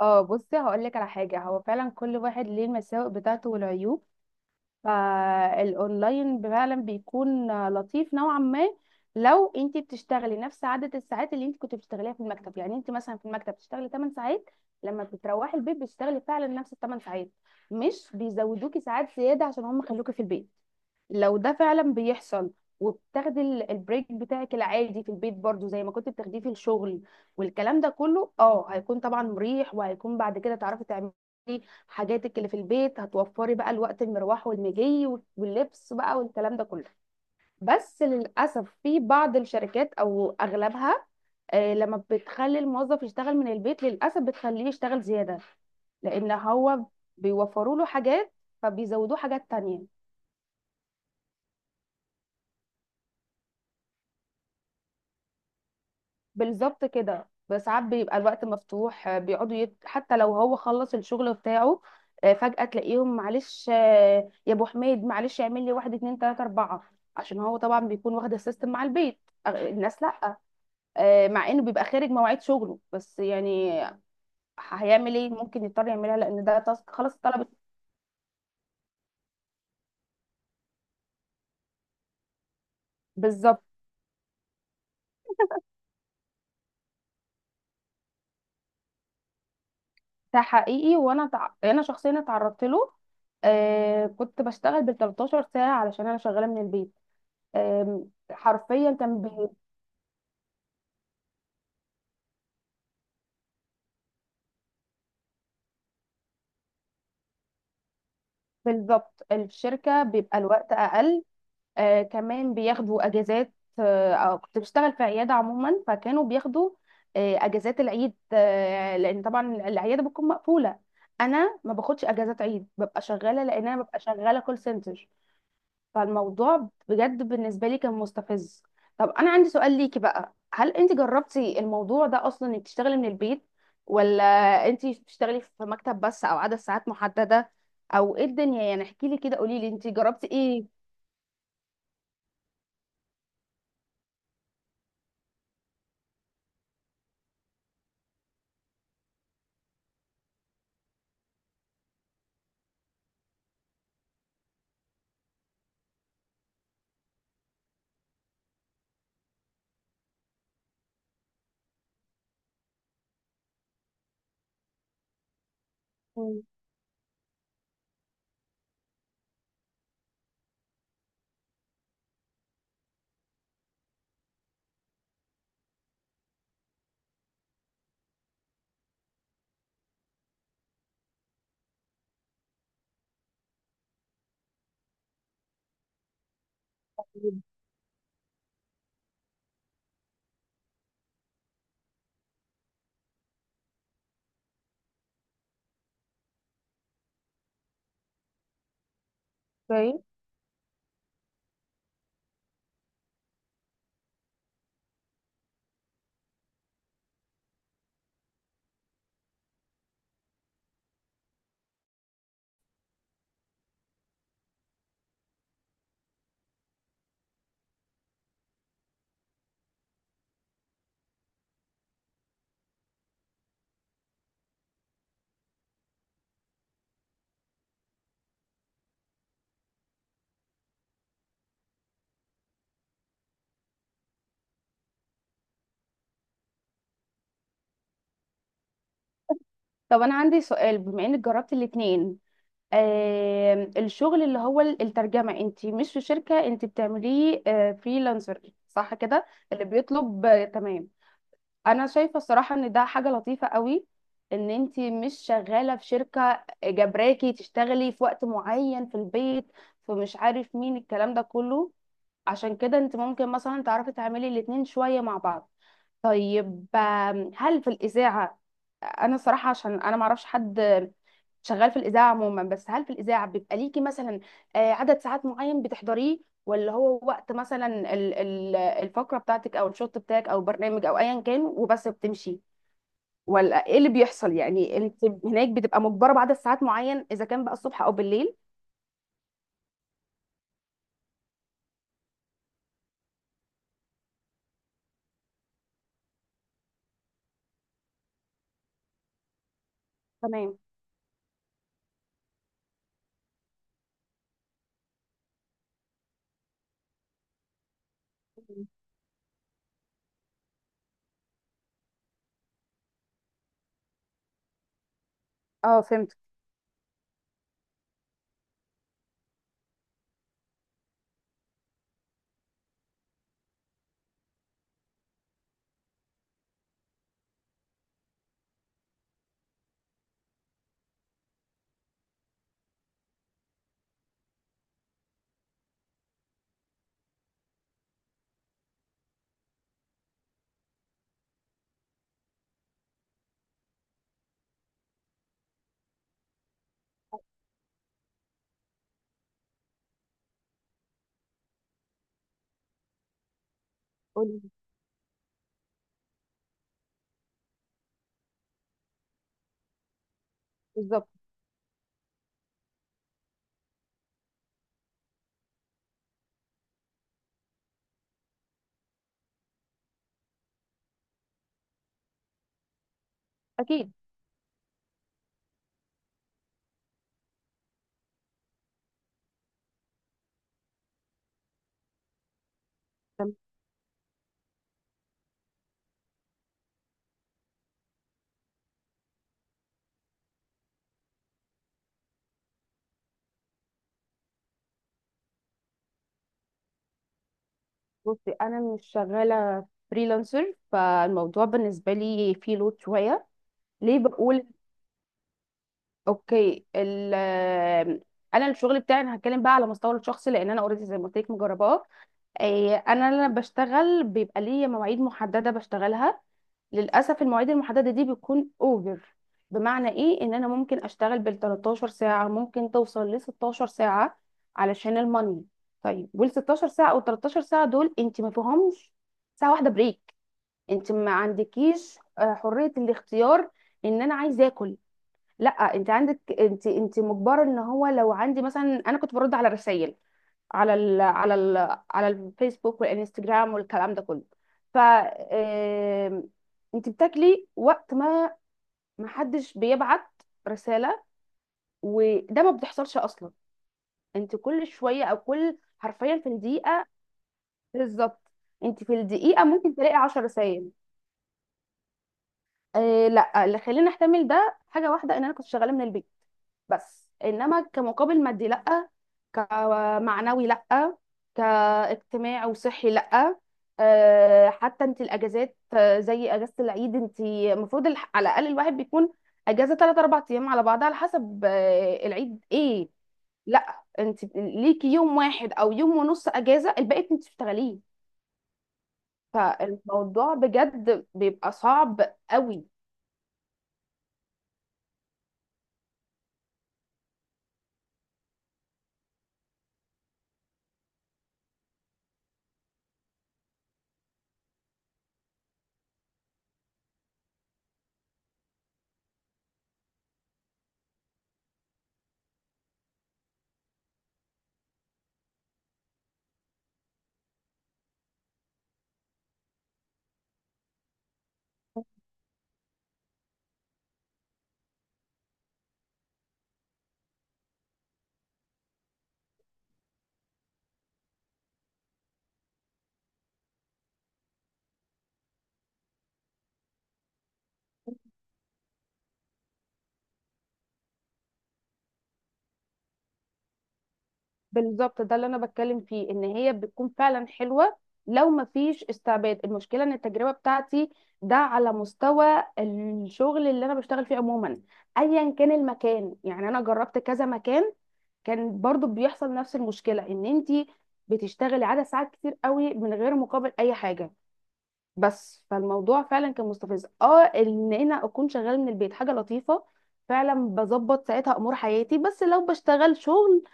اه، بصي هقول لك على حاجه. هو فعلا كل واحد ليه المساوئ بتاعته والعيوب. فالاونلاين فعلا بيكون لطيف نوعا ما. لو انت بتشتغلي نفس عدد الساعات اللي انت كنت بتشتغليها في المكتب، يعني انت مثلا في المكتب بتشتغلي 8 ساعات، لما بتروحي البيت بتشتغلي فعلا نفس ال 8 ساعات، مش بيزودوكي ساعات زياده عشان هم خلوكي في البيت. لو ده فعلا بيحصل، وبتاخدي البريك بتاعك العادي في البيت برضو زي ما كنت بتاخديه في الشغل، والكلام ده كله هيكون طبعا مريح، وهيكون بعد كده تعرفي تعملي حاجاتك اللي في البيت. هتوفري بقى الوقت المروح والمجي واللبس بقى والكلام ده كله. بس للأسف في بعض الشركات أو أغلبها، لما بتخلي الموظف يشتغل من البيت للأسف بتخليه يشتغل زيادة، لأن هو بيوفروا له حاجات فبيزودوه حاجات تانية. بالظبط كده. ساعات بيبقى الوقت مفتوح، بيقعدوا حتى لو هو خلص الشغل بتاعه، فجأة تلاقيهم معلش، يا ابو حميد معلش اعمل لي واحد اتنين تلاتة اربعة، عشان هو طبعا بيكون واخد السيستم مع البيت. الناس لأ. مع انه بيبقى خارج مواعيد شغله بس يعني هيعمل ايه؟ ممكن يضطر يعملها لان ده تاسك خلاص اتطلبت. بالظبط. ده حقيقي. وانا انا شخصيا اتعرضت له. كنت بشتغل بال 13 ساعة علشان انا شغالة من البيت. حرفيا كان. بالظبط الشركة بيبقى الوقت أقل. كمان بياخدوا أجازات، أو كنت بشتغل في عيادة عموما فكانوا بياخدوا أجازات العيد، لأن طبعا العيادة بتكون مقفولة. أنا ما باخدش أجازات عيد، ببقى شغالة لأن أنا ببقى شغالة كول سنتر. فالموضوع بجد بالنسبة لي كان مستفز. طب أنا عندي سؤال ليكي بقى، هل أنت جربتي الموضوع ده أصلا، إنك تشتغلي من البيت، ولا أنت بتشتغلي في مكتب بس أو عدد ساعات محددة، أو إيه الدنيا؟ يعني احكي لي كده، قولي لي أنت جربتي إيه. مم. اوكي. طب أنا عندي سؤال، بما إنك جربتي الاتنين، الشغل اللي هو الترجمة، أنت مش في شركة، أنت بتعمليه فريلانسر، صح كده؟ اللي بيطلب، تمام. انا شايفه الصراحه ان ده حاجه لطيفه قوي، ان انت مش شغاله في شركه جبراكي تشتغلي في وقت معين في البيت، فمش عارف مين الكلام ده كله. عشان كده انت ممكن مثلا تعرفي تعملي الاتنين شويه مع بعض. طيب، هل في الإذاعة، أنا صراحة عشان أنا معرفش حد شغال في الإذاعة عموما، بس هل في الإذاعة بيبقى ليكي مثلا، عدد ساعات معين بتحضريه، ولا هو وقت مثلا الفقرة بتاعتك أو الشوط بتاعك أو البرنامج أو أيا كان وبس بتمشي؟ ولا إيه اللي بيحصل؟ يعني أنت هناك بتبقى مجبرة بعدد ساعات معين إذا كان بقى الصبح أو بالليل. تمام. اه، فهمت. قولي. بالظبط. أكيد. بصي انا مش شغاله فريلانسر، فالموضوع بالنسبه لي فيه لود شويه. ليه بقول اوكي ال، انا الشغل بتاعي، انا هتكلم بقى على مستوى الشخصي لان انا اوريدي زي ما قلت لك مجرباه. إيه، انا لما بشتغل بيبقى ليا مواعيد محدده بشتغلها. للاسف المواعيد المحدده دي بتكون اوفر. بمعنى ايه؟ ان انا ممكن اشتغل بال 13 ساعه، ممكن توصل ل 16 ساعه علشان الماني. طيب وال 16 ساعه او 13 ساعه دول انت ما فيهمش ساعه واحده بريك، انت ما عندكيش حرية الاختيار ان انا عايزه اكل. لا انت عندك، انت مجبرة ان هو لو عندي مثلا، انا كنت برد على الرسائل، على ال على ال على الفيسبوك والانستجرام والكلام ده كله. ف انت بتاكلي وقت ما ما حدش بيبعت رسالة، وده ما بتحصلش اصلا. انت كل شوية، او كل حرفيا في الدقيقة. بالظبط. انت في الدقيقة ممكن تلاقي 10 رسائل. لا، اللي خليني احتمل ده حاجه واحده ان انا كنت شغاله من البيت، بس انما كمقابل مادي لا، كمعنوي لا، كاجتماعي وصحي لا. حتى انت الاجازات، زي اجازه العيد انت المفروض على الاقل الواحد بيكون اجازه 3 4 ايام على بعضها على حسب العيد ايه. لا، انت ليكي يوم واحد او يوم ونص اجازه، الباقي انت بتشتغليه. فالموضوع بجد بيبقى صعب قوي. بالظبط ده اللي انا بتكلم فيه، ان هي بتكون فعلا حلوه لو ما فيش استعباد. المشكله ان التجربه بتاعتي، ده على مستوى الشغل اللي انا بشتغل فيه عموما، ايا كان المكان، يعني انا جربت كذا مكان كان برضو بيحصل نفس المشكله، ان انت بتشتغلي عدد ساعات كتير قوي من غير مقابل اي حاجه. بس فالموضوع فعلا كان مستفز، ان انا اكون شغاله من البيت حاجه لطيفه، فعلا بظبط ساعتها امور حياتي، بس لو بشتغل شغل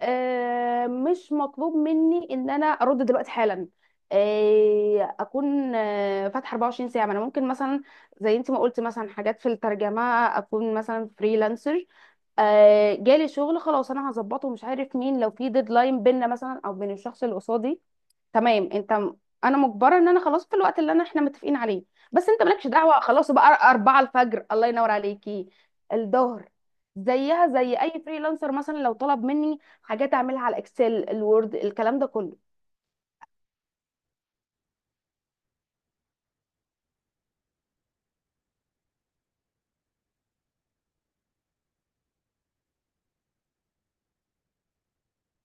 مش مطلوب مني ان انا ارد دلوقتي حالا، اكون فاتحه 24 ساعه. ما انا ممكن مثلا زي انت ما قلت مثلا حاجات في الترجمه، اكون مثلا فريلانسر، جالي شغل خلاص، انا هظبطه مش عارف مين، لو في ديدلاين بينا مثلا او بين الشخص اللي قصادي، تمام. انت انا مجبره ان انا خلاص في الوقت اللي انا احنا متفقين عليه، بس انت مالكش دعوه خلاص بقى. 4 الفجر الله ينور عليكي، الظهر، زيها زي اي فريلانسر مثلا لو طلب مني حاجات اعملها على الاكسل الوورد الكلام ده كله.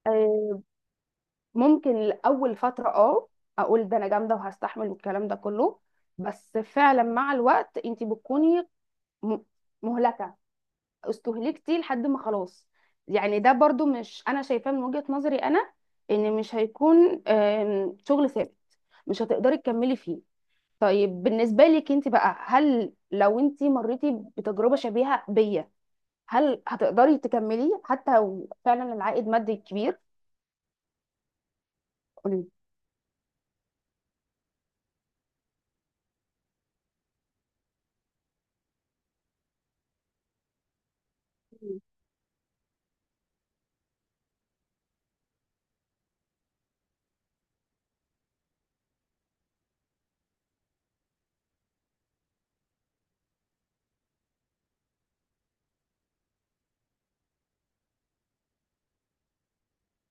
آه، ممكن لاول فتره اقول ده انا جامده وهستحمل والكلام ده كله، بس فعلا مع الوقت انت بتكوني م- مهلكه، استهلكتي لحد ما خلاص. يعني ده برضو مش انا شايفاه، من وجهة نظري انا ان مش هيكون شغل ثابت، مش هتقدري تكملي فيه. طيب بالنسبة لك انت بقى، هل لو انت مريتي بتجربة شبيهة بيا هل هتقدري تكملي حتى لو فعلا العائد مادي كبير؟ قولي. مم.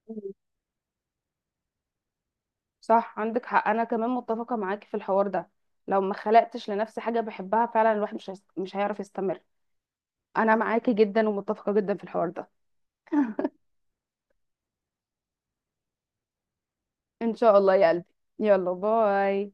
مم. صح، عندك حق. انا كمان متفقة معاكي في الحوار ده. لو ما خلقتش لنفسي حاجة بحبها فعلا الواحد مش هيعرف يستمر. انا معاكي جدا ومتفقة جدا في الحوار ده. ان شاء الله يا قلبي. يلا باي.